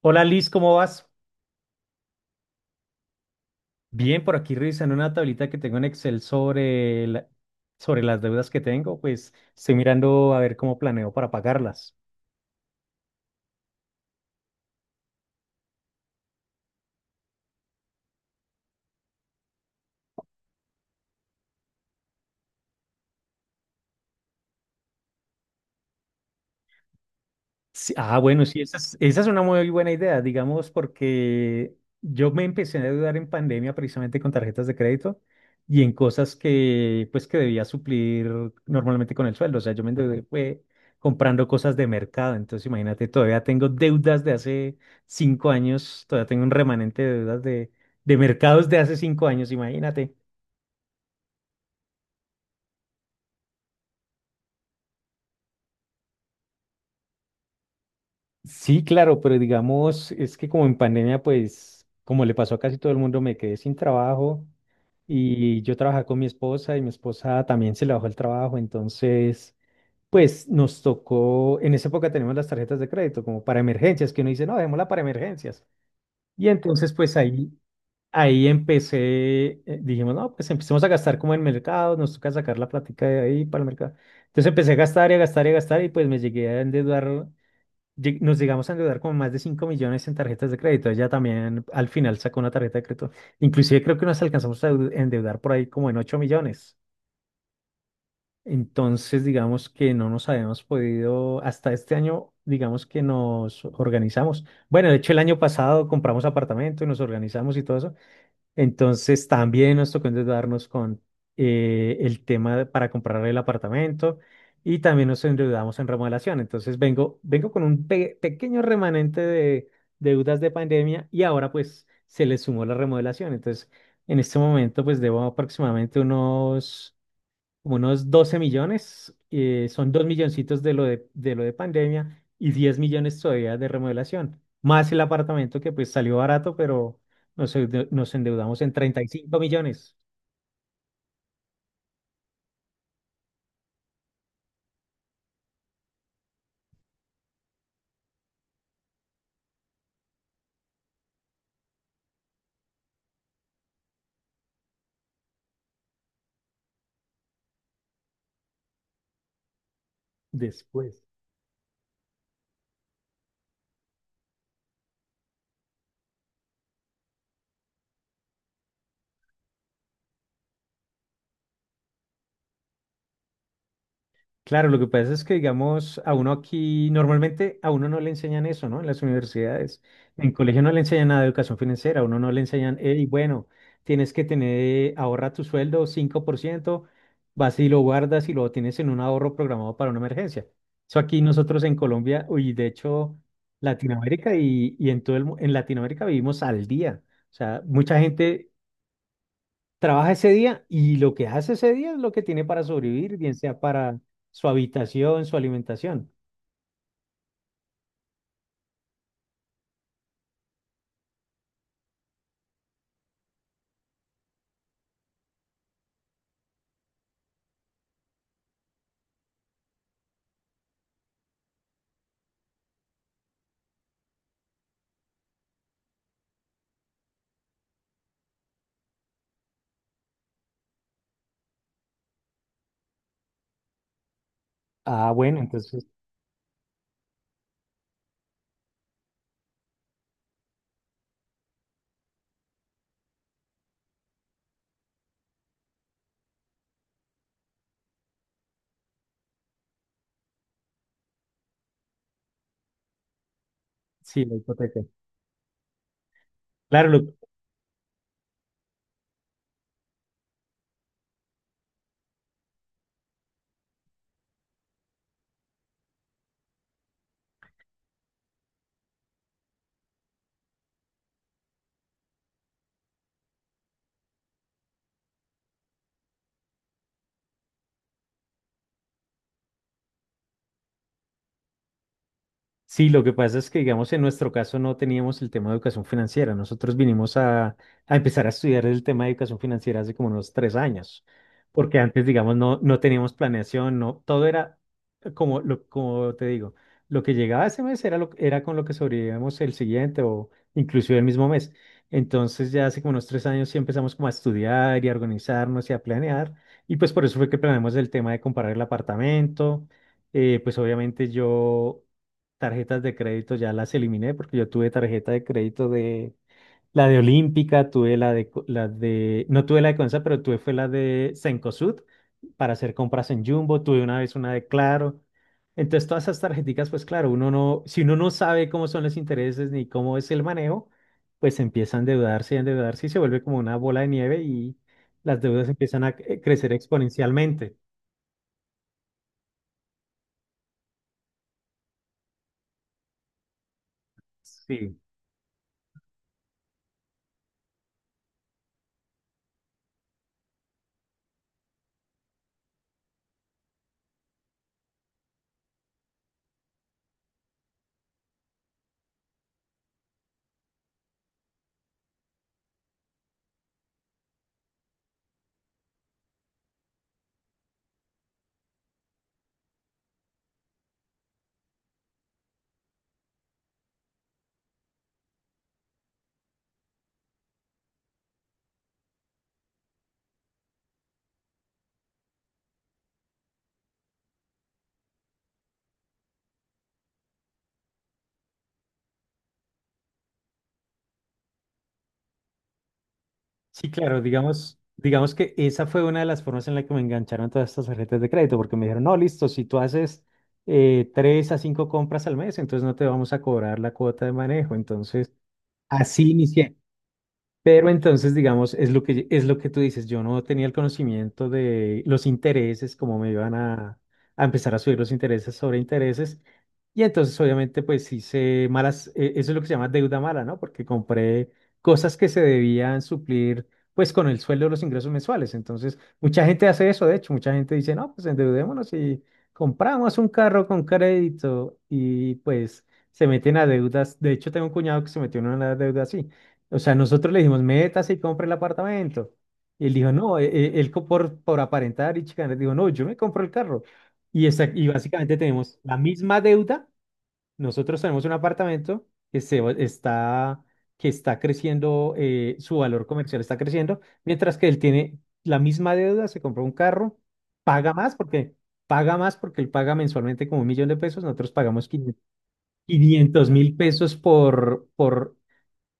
Hola Liz, ¿cómo vas? Bien, por aquí revisando una tablita que tengo en Excel sobre las deudas que tengo, pues estoy mirando a ver cómo planeo para pagarlas. Sí, bueno, sí, esa es una muy buena idea, digamos, porque yo me empecé a endeudar en pandemia precisamente con tarjetas de crédito y en cosas que, pues, que debía suplir normalmente con el sueldo. O sea, yo me endeudé fue comprando cosas de mercado. Entonces, imagínate, todavía tengo deudas de hace 5 años, todavía tengo un remanente de deudas de mercados de hace 5 años, imagínate. Sí, claro, pero digamos, es que como en pandemia, pues, como le pasó a casi todo el mundo, me quedé sin trabajo y yo trabajaba con mi esposa y mi esposa también se le bajó el trabajo, entonces, pues nos tocó, en esa época tenemos las tarjetas de crédito como para emergencias, que uno dice, no, dejémosla para emergencias. Y entonces, pues ahí empecé, dijimos, no, pues empecemos a gastar como en mercado, nos toca sacar la plática de ahí para el mercado. Entonces empecé a gastar y a gastar y a gastar y pues me llegué a endeudar nos llegamos a endeudar como más de 5 millones en tarjetas de crédito. Ella también al final sacó una tarjeta de crédito. Inclusive creo que nos alcanzamos a endeudar por ahí como en 8 millones. Entonces, digamos que no nos habíamos podido, hasta este año, digamos que nos organizamos. Bueno, de hecho, el año pasado compramos apartamento y nos organizamos y todo eso, entonces también nos tocó endeudarnos con para comprar el apartamento y también nos endeudamos en remodelación. Entonces vengo, vengo con un pequeño remanente de deudas de pandemia y ahora pues se le sumó la remodelación. Entonces en este momento pues debo aproximadamente unos como unos 12 millones, son 2 milloncitos de lo de lo de pandemia y 10 millones todavía de remodelación, más el apartamento que pues salió barato, pero nos endeudamos en 35 millones después. Claro, lo que pasa es que, digamos, a uno aquí, normalmente a uno no le enseñan eso, ¿no? En las universidades. En colegio no le enseñan nada de educación financiera, a uno no le enseñan, hey, bueno, tienes que tener, ahorra tu sueldo 5%, vas y lo guardas y lo tienes en un ahorro programado para una emergencia. Eso aquí nosotros en Colombia, y de hecho, Latinoamérica y en todo el, en Latinoamérica vivimos al día. O sea, mucha gente trabaja ese día y lo que hace ese día es lo que tiene para sobrevivir, bien sea para su habitación, su alimentación. Ah, bueno, entonces sí, la hipoteca. Claro, lo. Sí, lo que pasa es que, digamos, en nuestro caso no teníamos el tema de educación financiera. Nosotros vinimos a empezar a estudiar el tema de educación financiera hace como unos 3 años, porque antes, digamos, no, no teníamos planeación, no, todo era como te digo, lo que llegaba ese mes era, era con lo que sobrevivíamos el siguiente o inclusive el mismo mes. Entonces, ya hace como unos 3 años sí empezamos como a estudiar y a organizarnos y a planear, y pues por eso fue que planeamos el tema de comprar el apartamento. Pues obviamente yo tarjetas de crédito ya las eliminé porque yo tuve tarjeta de crédito de la de Olímpica, tuve la de la de no tuve la de Consa, pero tuve fue la de Cencosud para hacer compras en Jumbo, tuve una vez una de Claro. Entonces todas esas tarjeticas, pues claro, uno no, si uno no sabe cómo son los intereses ni cómo es el manejo, pues empieza a endeudarse y se vuelve como una bola de nieve y las deudas empiezan a crecer exponencialmente. Sí. Sí, claro, digamos que esa fue una de las formas en la que me engancharon todas estas tarjetas de crédito, porque me dijeron, no, listo, si tú haces tres a cinco compras al mes, entonces no te vamos a cobrar la cuota de manejo. Entonces, así inicié. Pero entonces, digamos, es lo que tú dices, yo no tenía el conocimiento de los intereses, cómo me iban a empezar a subir los intereses sobre intereses. Y entonces, obviamente, pues hice malas, eso es lo que se llama deuda mala, ¿no? Porque compré cosas que se debían suplir, pues, con el sueldo de los ingresos mensuales. Entonces, mucha gente hace eso, de hecho, mucha gente dice, no, pues endeudémonos y compramos un carro con crédito y pues se meten a deudas. De hecho, tengo un cuñado que se metió en una deuda así. O sea, nosotros le dijimos, métase y compre el apartamento. Y él dijo, no, él, por aparentar y chicanar, dijo, no, yo me compro el carro. Y básicamente tenemos la misma deuda. Nosotros tenemos un apartamento que está creciendo, su valor comercial está creciendo, mientras que él tiene la misma deuda, se compró un carro, paga más porque, paga más porque él paga mensualmente como un millón de pesos, nosotros pagamos 500.000 pesos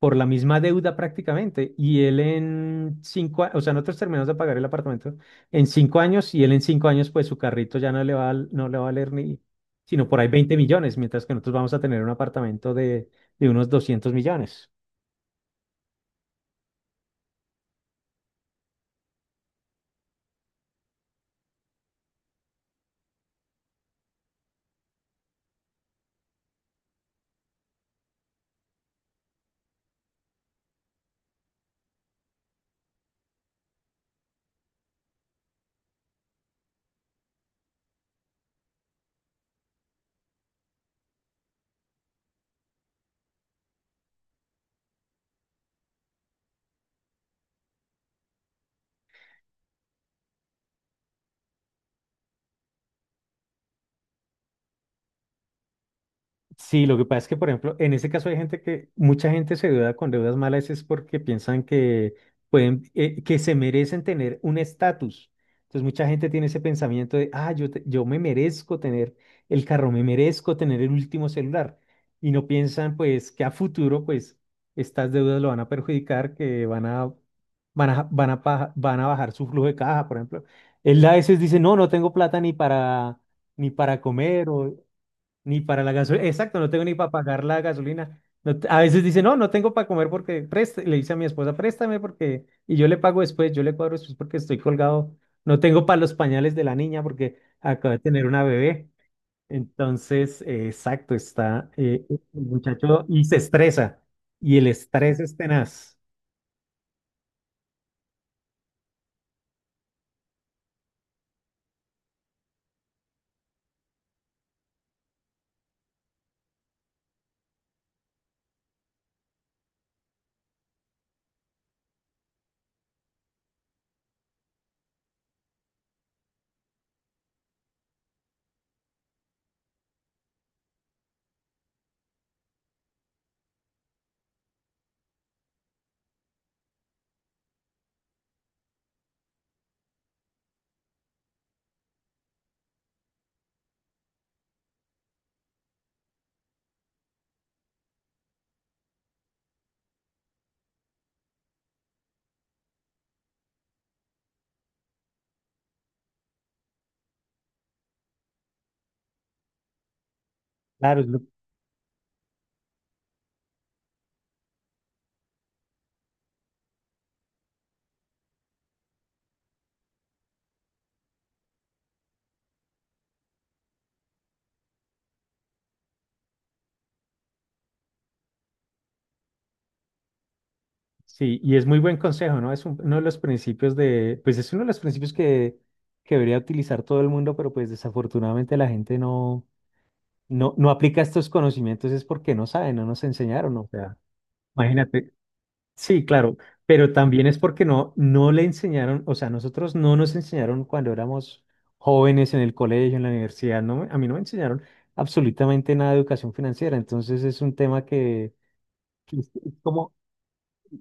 por la misma deuda prácticamente. Y él en cinco, o sea, nosotros terminamos de pagar el apartamento en 5 años y él en 5 años, pues su carrito no le va a valer ni, sino por ahí 20 millones, mientras que nosotros vamos a tener un apartamento de unos 200 millones. Sí, lo que pasa es que, por ejemplo, en ese caso hay gente que, mucha gente se deuda con deudas malas es porque piensan que pueden, que se merecen tener un estatus. Entonces, mucha gente tiene ese pensamiento de, ah, yo me merezco tener el carro, me merezco tener el último celular. Y no piensan, pues, que a futuro, pues, estas deudas lo van a perjudicar, que van a bajar su flujo de caja, por ejemplo. Él a veces dice, no, no tengo plata ni para comer ni para la gasolina. Exacto, no tengo ni para pagar la gasolina. No te- a veces dice, no, no tengo para comer porque le dice a mi esposa, préstame porque, y yo le pago después, yo le cuadro después porque estoy colgado. No tengo para los pañales de la niña porque acabo de tener una bebé. Entonces, exacto, está el muchacho y se estresa. Y el estrés es tenaz. Claro, sí, y es muy buen consejo, ¿no? Uno de los principios de, pues es uno de los principios que debería utilizar todo el mundo, pero pues desafortunadamente la gente no. No, no aplica estos conocimientos es porque no sabe, no nos enseñaron, o sea, imagínate. Sí, claro, pero también es porque no, no le enseñaron, o sea, nosotros no nos enseñaron cuando éramos jóvenes en el colegio, en la universidad, no, a mí no me enseñaron absolutamente nada de educación financiera, entonces es un tema que es como,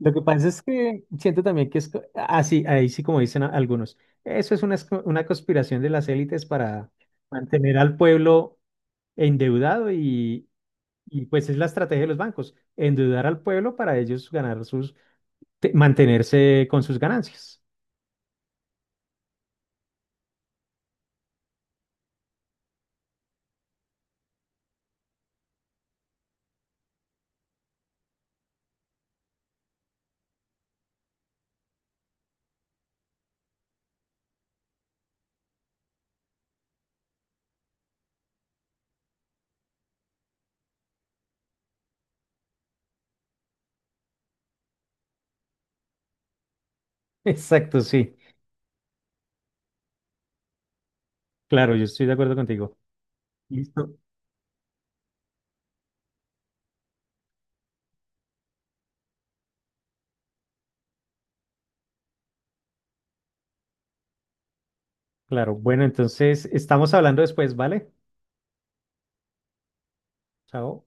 lo que pasa es que siento también que es, ah, sí, ahí sí como dicen algunos, eso es una conspiración de las élites para mantener al pueblo endeudado y pues es la estrategia de los bancos, endeudar al pueblo para ellos ganar sus, mantenerse con sus ganancias. Exacto, sí. Claro, yo estoy de acuerdo contigo. Listo. Claro, bueno, entonces estamos hablando después, ¿vale? Chao.